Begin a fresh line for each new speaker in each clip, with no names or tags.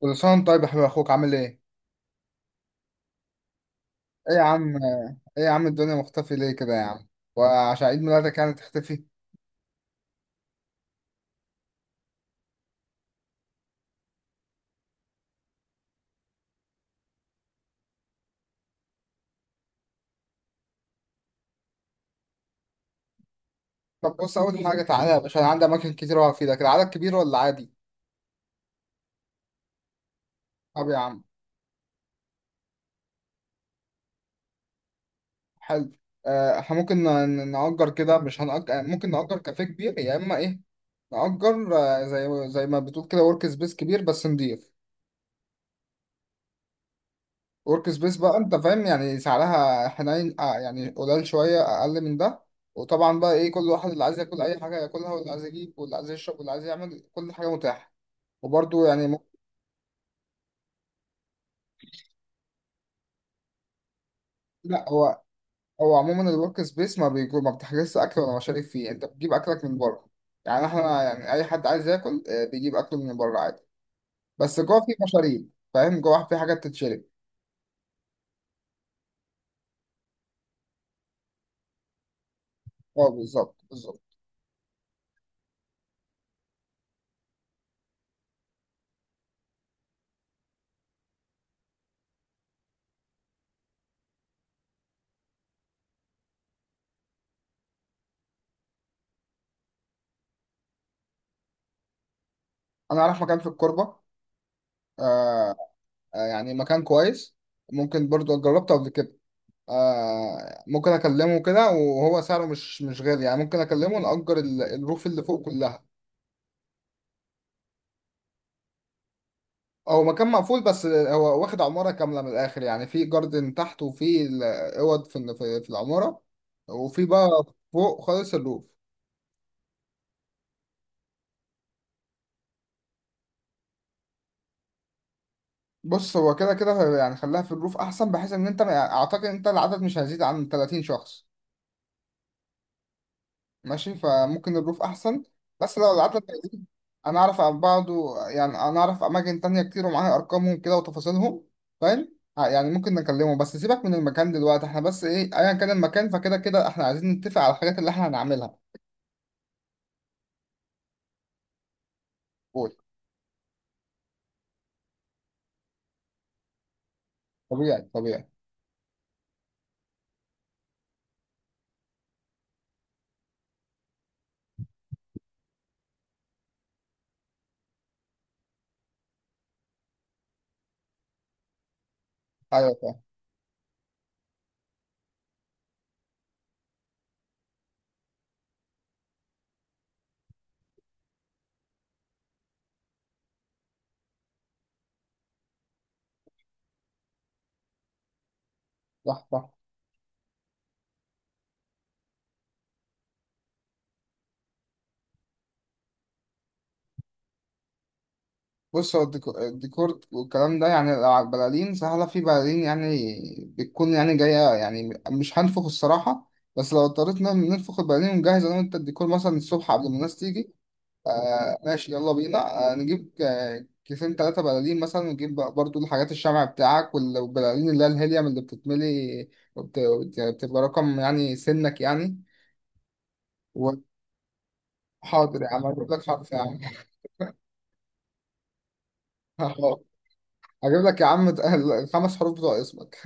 كل سنة وأنت طيب يا حبيب، أخوك عامل إيه؟ إيه يا عم، إيه يا عم الدنيا مختفي ليه كده يا عم؟ وعشان عيد ميلادك يعني تختفي؟ طب بص، أول حاجة تعالى يا باشا، أنا عندي أماكن كتير أقعد فيها كده. عدد كبير ولا عادي؟ طب يا عم. حلو. إحنا ممكن نأجر كده، مش هنأجر، ممكن نأجر كافيه كبير يا إما إيه؟ نأجر، زي ما بتقول كده ورك سبيس كبير بس نضيف. ورك سبيس بقى، انت فاهم يعني سعرها حنين، آه يعني قليل شويه اقل من ده. وطبعا بقى ايه، كل واحد اللي عايز ياكل اي حاجه ياكلها، واللي عايز يجيب، واللي عايز يشرب، واللي عايز يعمل، كل حاجه متاحه. وبرده يعني لا، هو هو عموما الورك سبيس ما بيجو، ما بتحجزش اكل ولا مشاريب فيه، انت بتجيب اكلك من بره. يعني احنا يعني اي حد عايز ياكل، آه، بيجيب اكله من بره عادي. بس جوه في مشاريب، فاهم، جوه في حاجات تتشرب. اه بالظبط بالظبط. انا رايح مكان في الكوربه. آه. آه، يعني مكان كويس. ممكن برضو جربته قبل كده. آه ممكن اكلمه كده، وهو سعره مش غالي يعني. ممكن اكلمه نأجر الروف اللي فوق كلها. هو مكان مقفول، بس هو واخد عمارة كاملة من الآخر. يعني في جاردن تحت، وفي اوض في ال- في في العمارة، وفي بقى فوق خالص الروف. بص، هو كده كده يعني خليها في الروف أحسن، بحيث إن أنت يعني أعتقد إن أنت العدد مش هيزيد عن 30 شخص. ماشي، فممكن الروف احسن، بس لو العدد قليل انا اعرف عن بعضه. يعني انا اعرف اماكن تانية كتير، ومعايا ارقامهم كده وتفاصيلهم. فاهم، يعني ممكن نكلمه. بس سيبك من المكان دلوقتي، احنا بس ايه، ايا كان المكان، فكده كده احنا عايزين نتفق على الحاجات اللي احنا هنعملها. قول. طبيعي طبيعي. ايوه فاهم. صح صح. بص، هو الديكور والكلام ده يعني لو على البلالين سهله، في بلالين يعني بتكون يعني جايه، يعني مش هنفخ الصراحه. بس لو اضطريت ننفخ البلالين ونجهز انا وانت الديكور مثلا الصبح قبل ما الناس تيجي. آه ماشي، يلا بينا، آه نجيب، كيسين ثلاثة بلالين مثلا، ونجيب بقى برضو الحاجات، الشمع بتاعك والبلالين اللي هي الهيليوم اللي بتتملي، بتبقى رقم يعني سنك يعني. وحاضر يا عم، هجيب لك حرف يا عم. حاضر. هجيب لك يا عم الخمس حروف بتوع اسمك.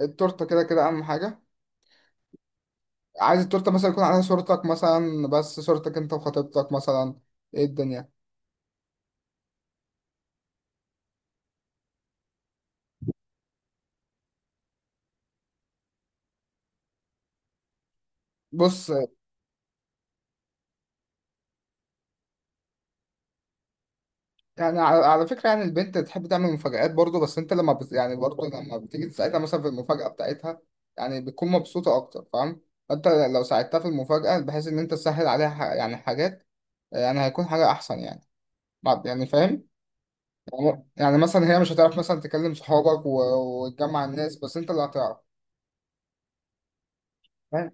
التورتة كده كده أهم حاجة. عايز التورتة مثلا يكون عليها صورتك، مثلا بس صورتك أنت وخطيبتك مثلا. إيه الدنيا. بص، يعني على على فكرة، يعني البنت تحب تعمل مفاجآت برضه، بس انت لما يعني برضه لما بتيجي تساعدها مثلا في المفاجأة بتاعتها، يعني بتكون مبسوطة أكتر، فاهم؟ فانت لو ساعدتها في المفاجأة بحيث إن أنت تسهل عليها يعني حاجات، آه، يعني هيكون حاجة أحسن يعني. يعني فاهم؟ يعني يعني مثلا هي مش هتعرف مثلا تكلم صحابك وتجمع الناس، بس أنت اللي هتعرف. فاهم؟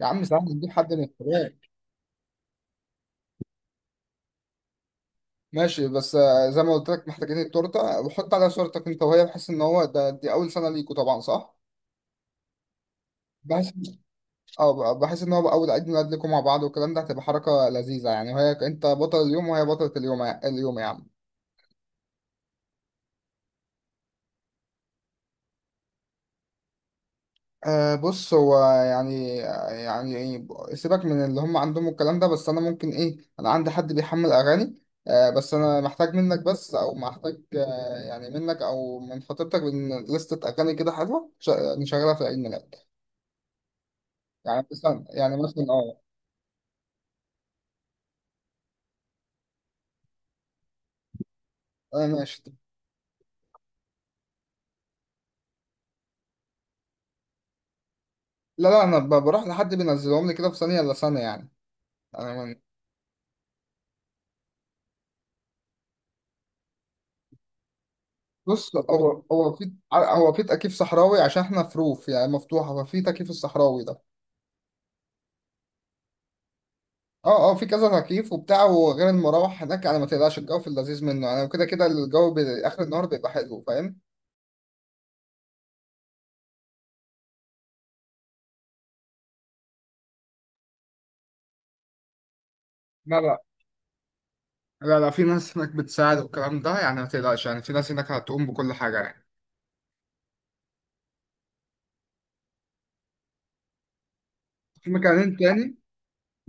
يا عم سهل نجيب حد من الكبار. ماشي، بس آه، زي ما قلت لك، محتاجين التورتة وحط عليها صورتك أنت وهي، بحيث إن هو ده دي أول سنة ليكوا طبعا صح؟ بحيث، اه بحس ان هو اول عيد ميلاد لكم مع بعض، والكلام ده هتبقى حركه لذيذه يعني. وهي انت بطل اليوم وهي بطله اليوم، اليوم يا عم. أه بص، هو يعني يعني سيبك من اللي هم عندهم الكلام ده، بس انا ممكن ايه، انا عندي حد بيحمل اغاني. أه بس انا محتاج منك، بس او محتاج أه يعني منك او من خطيبتك من لستة اغاني كده حلوه نشغلها في عيد ميلاد. يعني مثلا يعني مثلا اه. آه، ماشي. لا لا، انا بروح لحد بينزلهم لي كده في ثانيه الا ثانيه يعني. انا. بص، هو في تكييف صحراوي، عشان احنا في روف يعني مفتوحه، ففي تكييف الصحراوي ده. اه اه في كذا تكييف وبتاع، وغير المراوح هناك يعني ما تقلقش، الجو في اللذيذ منه يعني. كده كده الجو اخر النهار بيبقى حلو، فاهم. لا لا. لا لا، في ناس هناك بتساعد والكلام ده، يعني ما تقلقش، يعني في ناس هناك هتقوم بكل حاجه يعني. في مكانين تاني.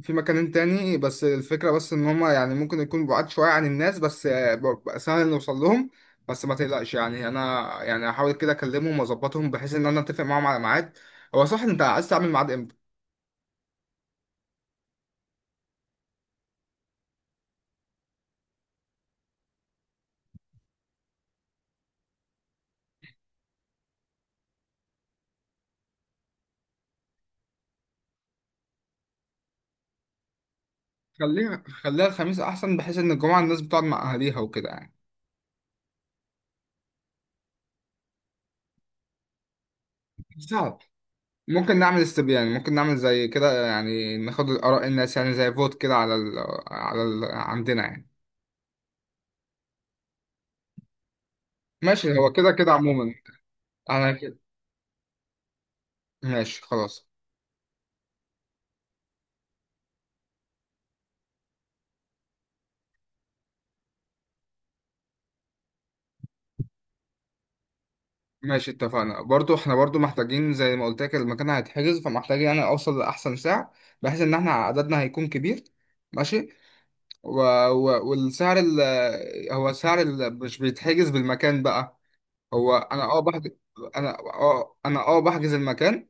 في مكان تاني، بس الفكرة بس إن هما يعني ممكن يكون بعاد شوية عن الناس، بس آه، بقى سهل نوصل لهم. بس ما تقلقش يعني، أنا يعني هحاول كده أكلمهم وأظبطهم بحيث إن أنا أتفق معاهم على ميعاد. هو صح، أنت عايز تعمل ميعاد إمتى؟ خليها الخميس أحسن، بحيث إن الجمعة الناس بتقعد مع أهاليها وكده يعني. صعب. ممكن نعمل استبيان، ممكن نعمل زي كده يعني، ناخد آراء الناس يعني زي فوت كده على ال، على ال عندنا يعني. ماشي، هو كده كده عموما. أنا كده. ماشي خلاص. ماشي، اتفقنا. برضو احنا برضو محتاجين زي ما قلت لك المكان هيتحجز، فمحتاجين يعني اوصل لاحسن سعر، بحيث ان احنا عددنا هيكون كبير. ماشي. و... و... والسعر هو سعر مش بيتحجز بالمكان بقى. هو انا اه بحجز. انا اه بحجز المكان،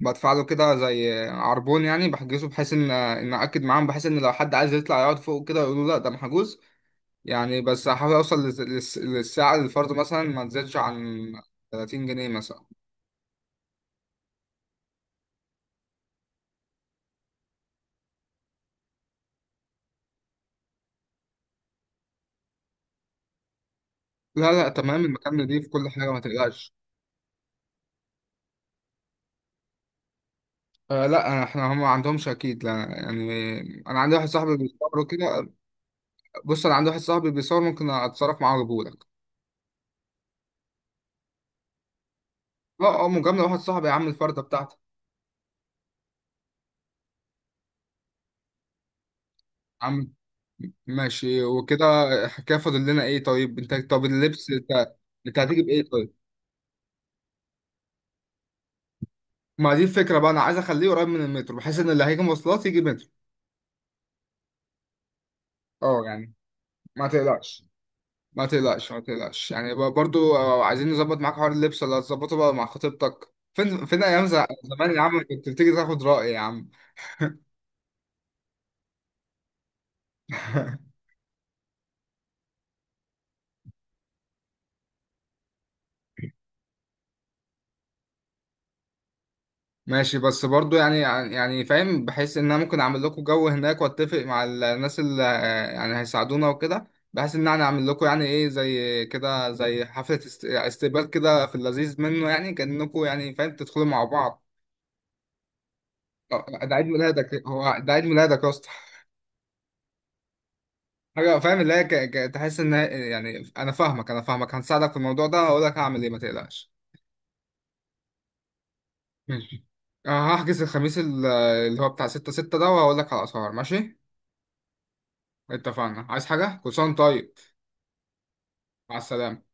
بدفع له كده زي عربون يعني، بحجزه بحيث ان ان اكد معاهم، بحيث ان لو حد عايز يطلع يقعد فوق كده يقولوا لا ده محجوز يعني. بس هحاول اوصل للسعر الفرد مثلا ما تزيدش عن 30 جنيه مثلا. لا لا، تمام، المكان دي في كل حاجة ما تقلقش. آه لا، احنا هم ما عندهمش اكيد لا يعني. انا عندي واحد صاحبي بيصور كده. بص انا عندي واحد صاحبي بيصور، ممكن اتصرف معاه واجيبهولك. اه اه مجاملة، واحد صاحبي يا عم، الفردة بتاعتك. يا عم. ماشي وكده. حكاية، فاضل لنا ايه طيب، انت طب اللبس انت. انت هتيجي بايه طيب؟ ما دي الفكرة بقى، انا عايز اخليه قريب من المترو بحيث ان اللي هيجي مواصلات يجي مترو. اه يعني ما تقلقش. ما تقلقش يعني، برضو آه، عايزين نظبط معاك حوار اللبس، ولا هتظبطه بقى مع خطيبتك فين؟ فين ايام زمان يا عم كنت بتيجي تاخد رأي يا عم. ماشي، بس برضو يعني، يعني فاهم، بحيث ان انا ممكن اعمل لكم جو هناك، واتفق مع الناس اللي آه، يعني هيساعدونا وكده، بحيث ان انا اعمل لكم يعني ايه زي كده زي حفلة استقبال كده في اللذيذ منه يعني، كأنكم يعني فاهم تدخلوا مع بعض. آه، ده عيد ميلادك، هو ده عيد ميلادك يا اسطى. حاجه فاهم اللي هي تحس ان يعني انا فاهمك، انا فاهمك، هنساعدك في الموضوع ده، هقول لك هعمل ايه ما تقلقش. ماشي. أه هحجز الخميس اللي هو بتاع ستة ستة ده، وهقول لك على الاسعار. ماشي، اتفقنا، عايز حاجه، كل سنه وأنت طيب. مع السلامه.